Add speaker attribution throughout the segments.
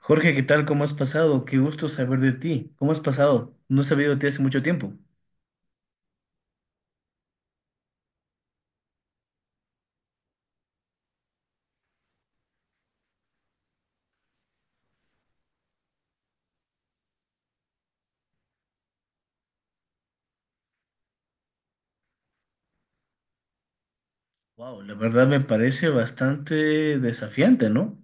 Speaker 1: Jorge, ¿qué tal? ¿Cómo has pasado? Qué gusto saber de ti. ¿Cómo has pasado? No he sabido de ti hace mucho tiempo. Wow, la verdad me parece bastante desafiante, ¿no?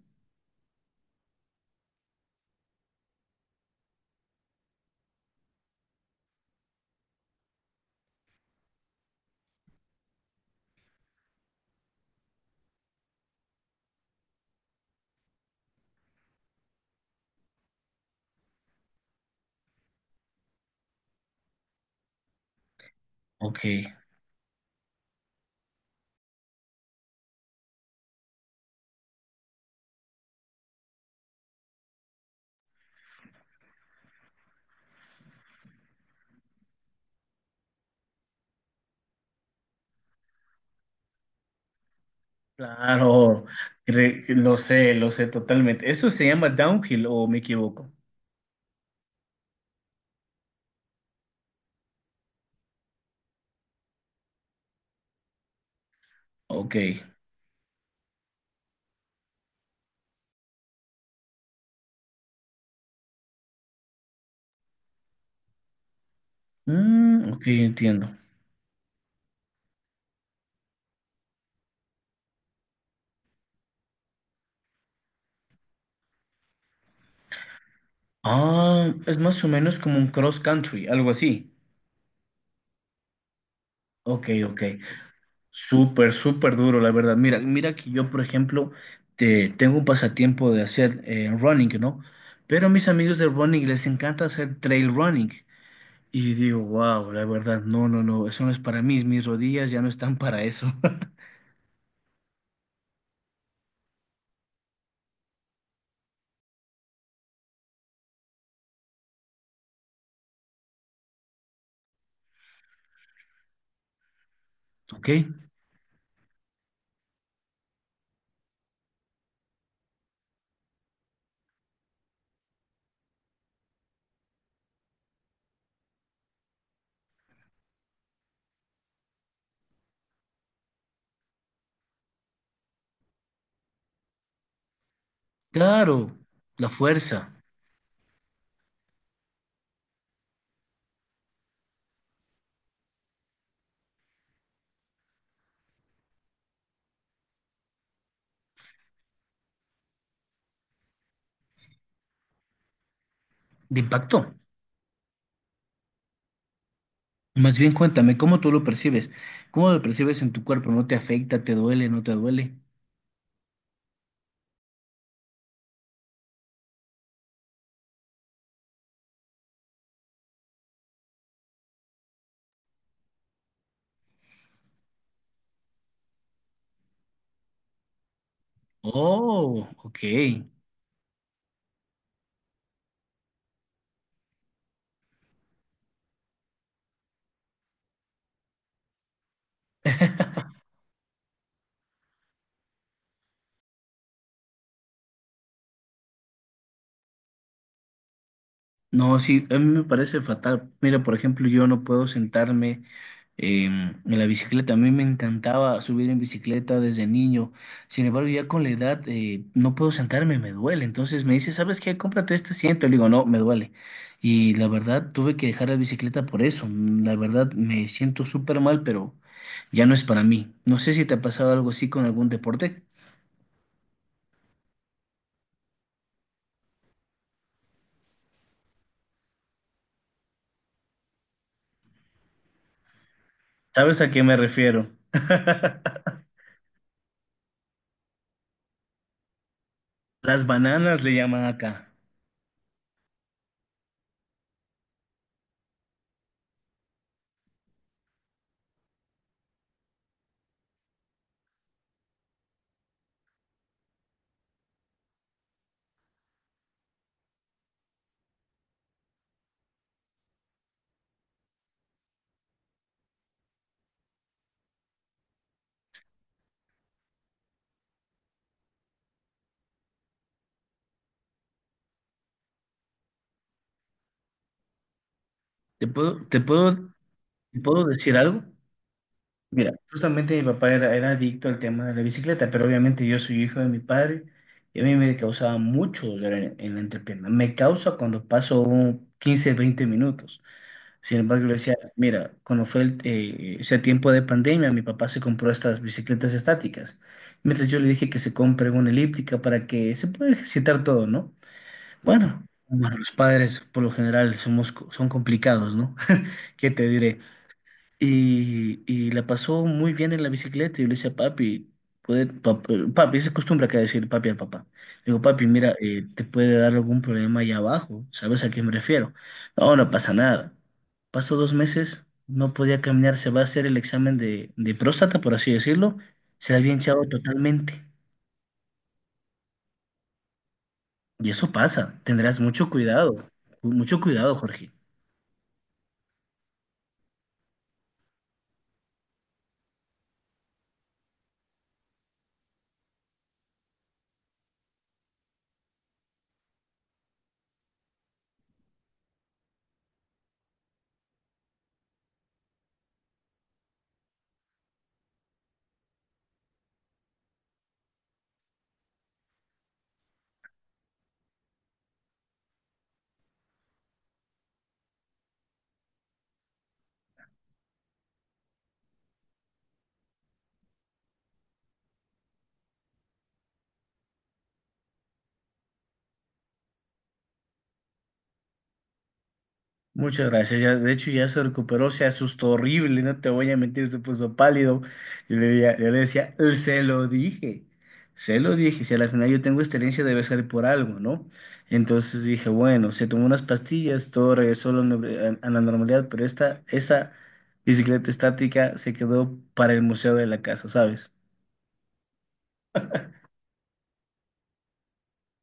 Speaker 1: Ok. Claro, lo sé totalmente. ¿Eso se llama downhill o me equivoco? Ok. Mm, ok, entiendo. Ah, es más o menos como un cross country, algo así. Ok, ok. Súper, súper duro, la verdad. Mira, mira que yo, por ejemplo, tengo un pasatiempo de hacer running, ¿no? Pero a mis amigos de running les encanta hacer trail running. Y digo, wow, la verdad, no, no, no, eso no es para mí, mis rodillas ya no están para eso. ¿Ok? Claro, la fuerza de impacto. Más bien cuéntame, ¿cómo tú lo percibes? ¿Cómo lo percibes en tu cuerpo? ¿No te afecta? ¿Te duele? ¿No te duele? Oh, ok. No, sí, a mí me parece fatal. Mira, por ejemplo, yo no puedo sentarme em, en la bicicleta. A mí me encantaba subir en bicicleta desde niño. Sin embargo, ya con la edad no puedo sentarme, me duele. Entonces me dice, ¿sabes qué? Cómprate este asiento. Le digo, no, me duele. Y la verdad, tuve que dejar la bicicleta por eso. Mm, la verdad, me siento súper mal, pero ya no es para mí. No sé si te ha pasado algo así con algún deporte. ¿Sabes a qué me refiero? Las bananas le llaman acá. Te puedo ¿Puedo decir algo? Mira, justamente mi papá era adicto al tema de la bicicleta, pero obviamente yo soy hijo de mi padre y a mí me causaba mucho dolor en la entrepierna. Me causa cuando paso un 15, 20 minutos. Sin embargo, le decía, mira, cuando fue ese tiempo de pandemia, mi papá se compró estas bicicletas estáticas. Mientras yo le dije que se compre una elíptica para que se pueda ejercitar todo, ¿no? Bueno, bueno, los padres por lo general son complicados, ¿no? ¿Qué te diré? Y la pasó muy bien en la bicicleta. Y yo le decía, papi, papi, esa es costumbre acá a decir papi al papá. Le digo, papi, mira, te puede dar algún problema allá abajo, ¿sabes a qué me refiero? No, no pasa nada. Pasó dos meses, no podía caminar, se va a hacer el examen de próstata, por así decirlo, se había hinchado totalmente. Y eso pasa, tendrás mucho cuidado, Jorge. Muchas gracias. Ya, de hecho, ya se recuperó, se asustó horrible, no te voy a mentir, se puso pálido. Y yo le decía: se lo dije, si al final yo tengo excelencia debe ser por algo, ¿no?" Entonces dije, bueno, se tomó unas pastillas, todo regresó a la, a la normalidad, pero esa bicicleta estática se quedó para el museo de la casa, ¿sabes?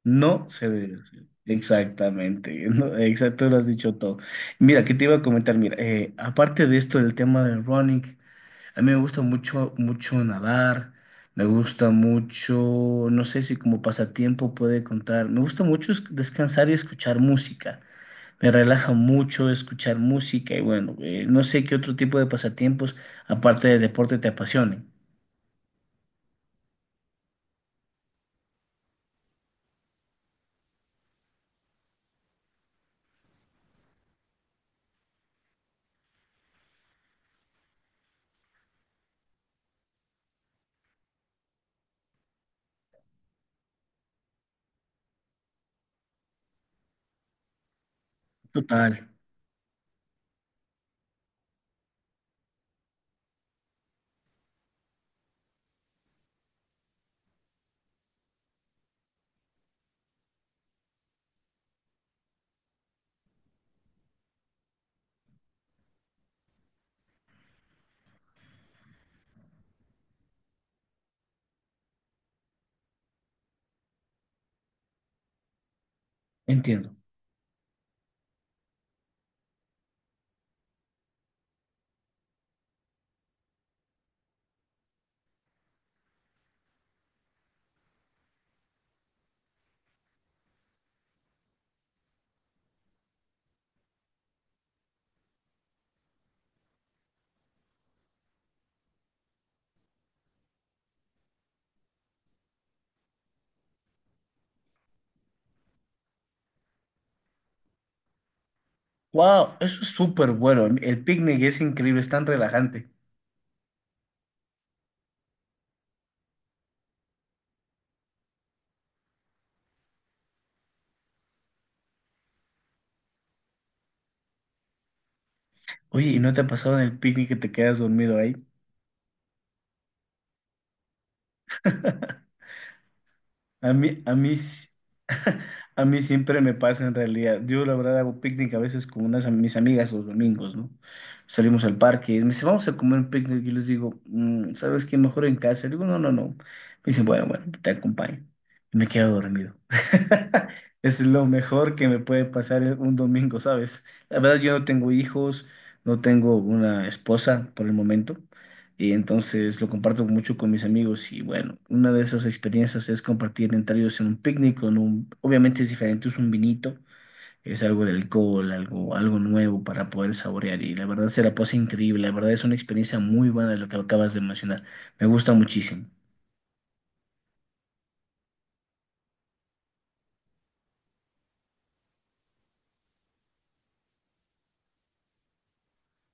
Speaker 1: No se debe hacer. Exactamente, ¿no? Exacto, lo has dicho todo. Mira, ¿qué te iba a comentar? Mira, aparte de esto, el tema del running. A mí me gusta mucho, mucho nadar, me gusta mucho, no sé si como pasatiempo puede contar, me gusta mucho descansar y escuchar música, me relaja mucho escuchar música y bueno, no sé qué otro tipo de pasatiempos aparte del deporte te apasionen. Total, entiendo. Wow, eso es súper bueno, el picnic es increíble, es tan relajante. Oye, ¿y no te ha pasado en el picnic que te quedas dormido ahí? A mí, a mí, s- a mí siempre me pasa en realidad. Yo la verdad hago picnic a veces con mis amigas los domingos, ¿no? Salimos al parque y me dicen, vamos a comer un picnic. Y les digo: "Mm, ¿sabes qué? Mejor en casa". Digo, no, no, no. Me dicen, bueno, bueno, te acompaño. Y me quedo dormido. Es lo mejor que me puede pasar en un domingo, ¿sabes? La verdad, yo no tengo hijos, no tengo una esposa por el momento. Y entonces lo comparto mucho con mis amigos y bueno, una de esas experiencias es compartir entre ellos en un picnic con un, obviamente es diferente, es un vinito, es algo de alcohol, algo, algo nuevo para poder saborear y la verdad se la pasa increíble, la verdad es una experiencia muy buena lo que acabas de mencionar, me gusta muchísimo.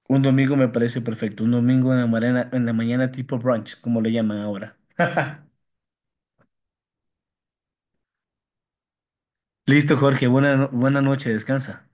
Speaker 1: Un domingo me parece perfecto, un domingo en la mañana tipo brunch, como le llaman ahora. Listo, Jorge, buena, no- buena noche, descansa.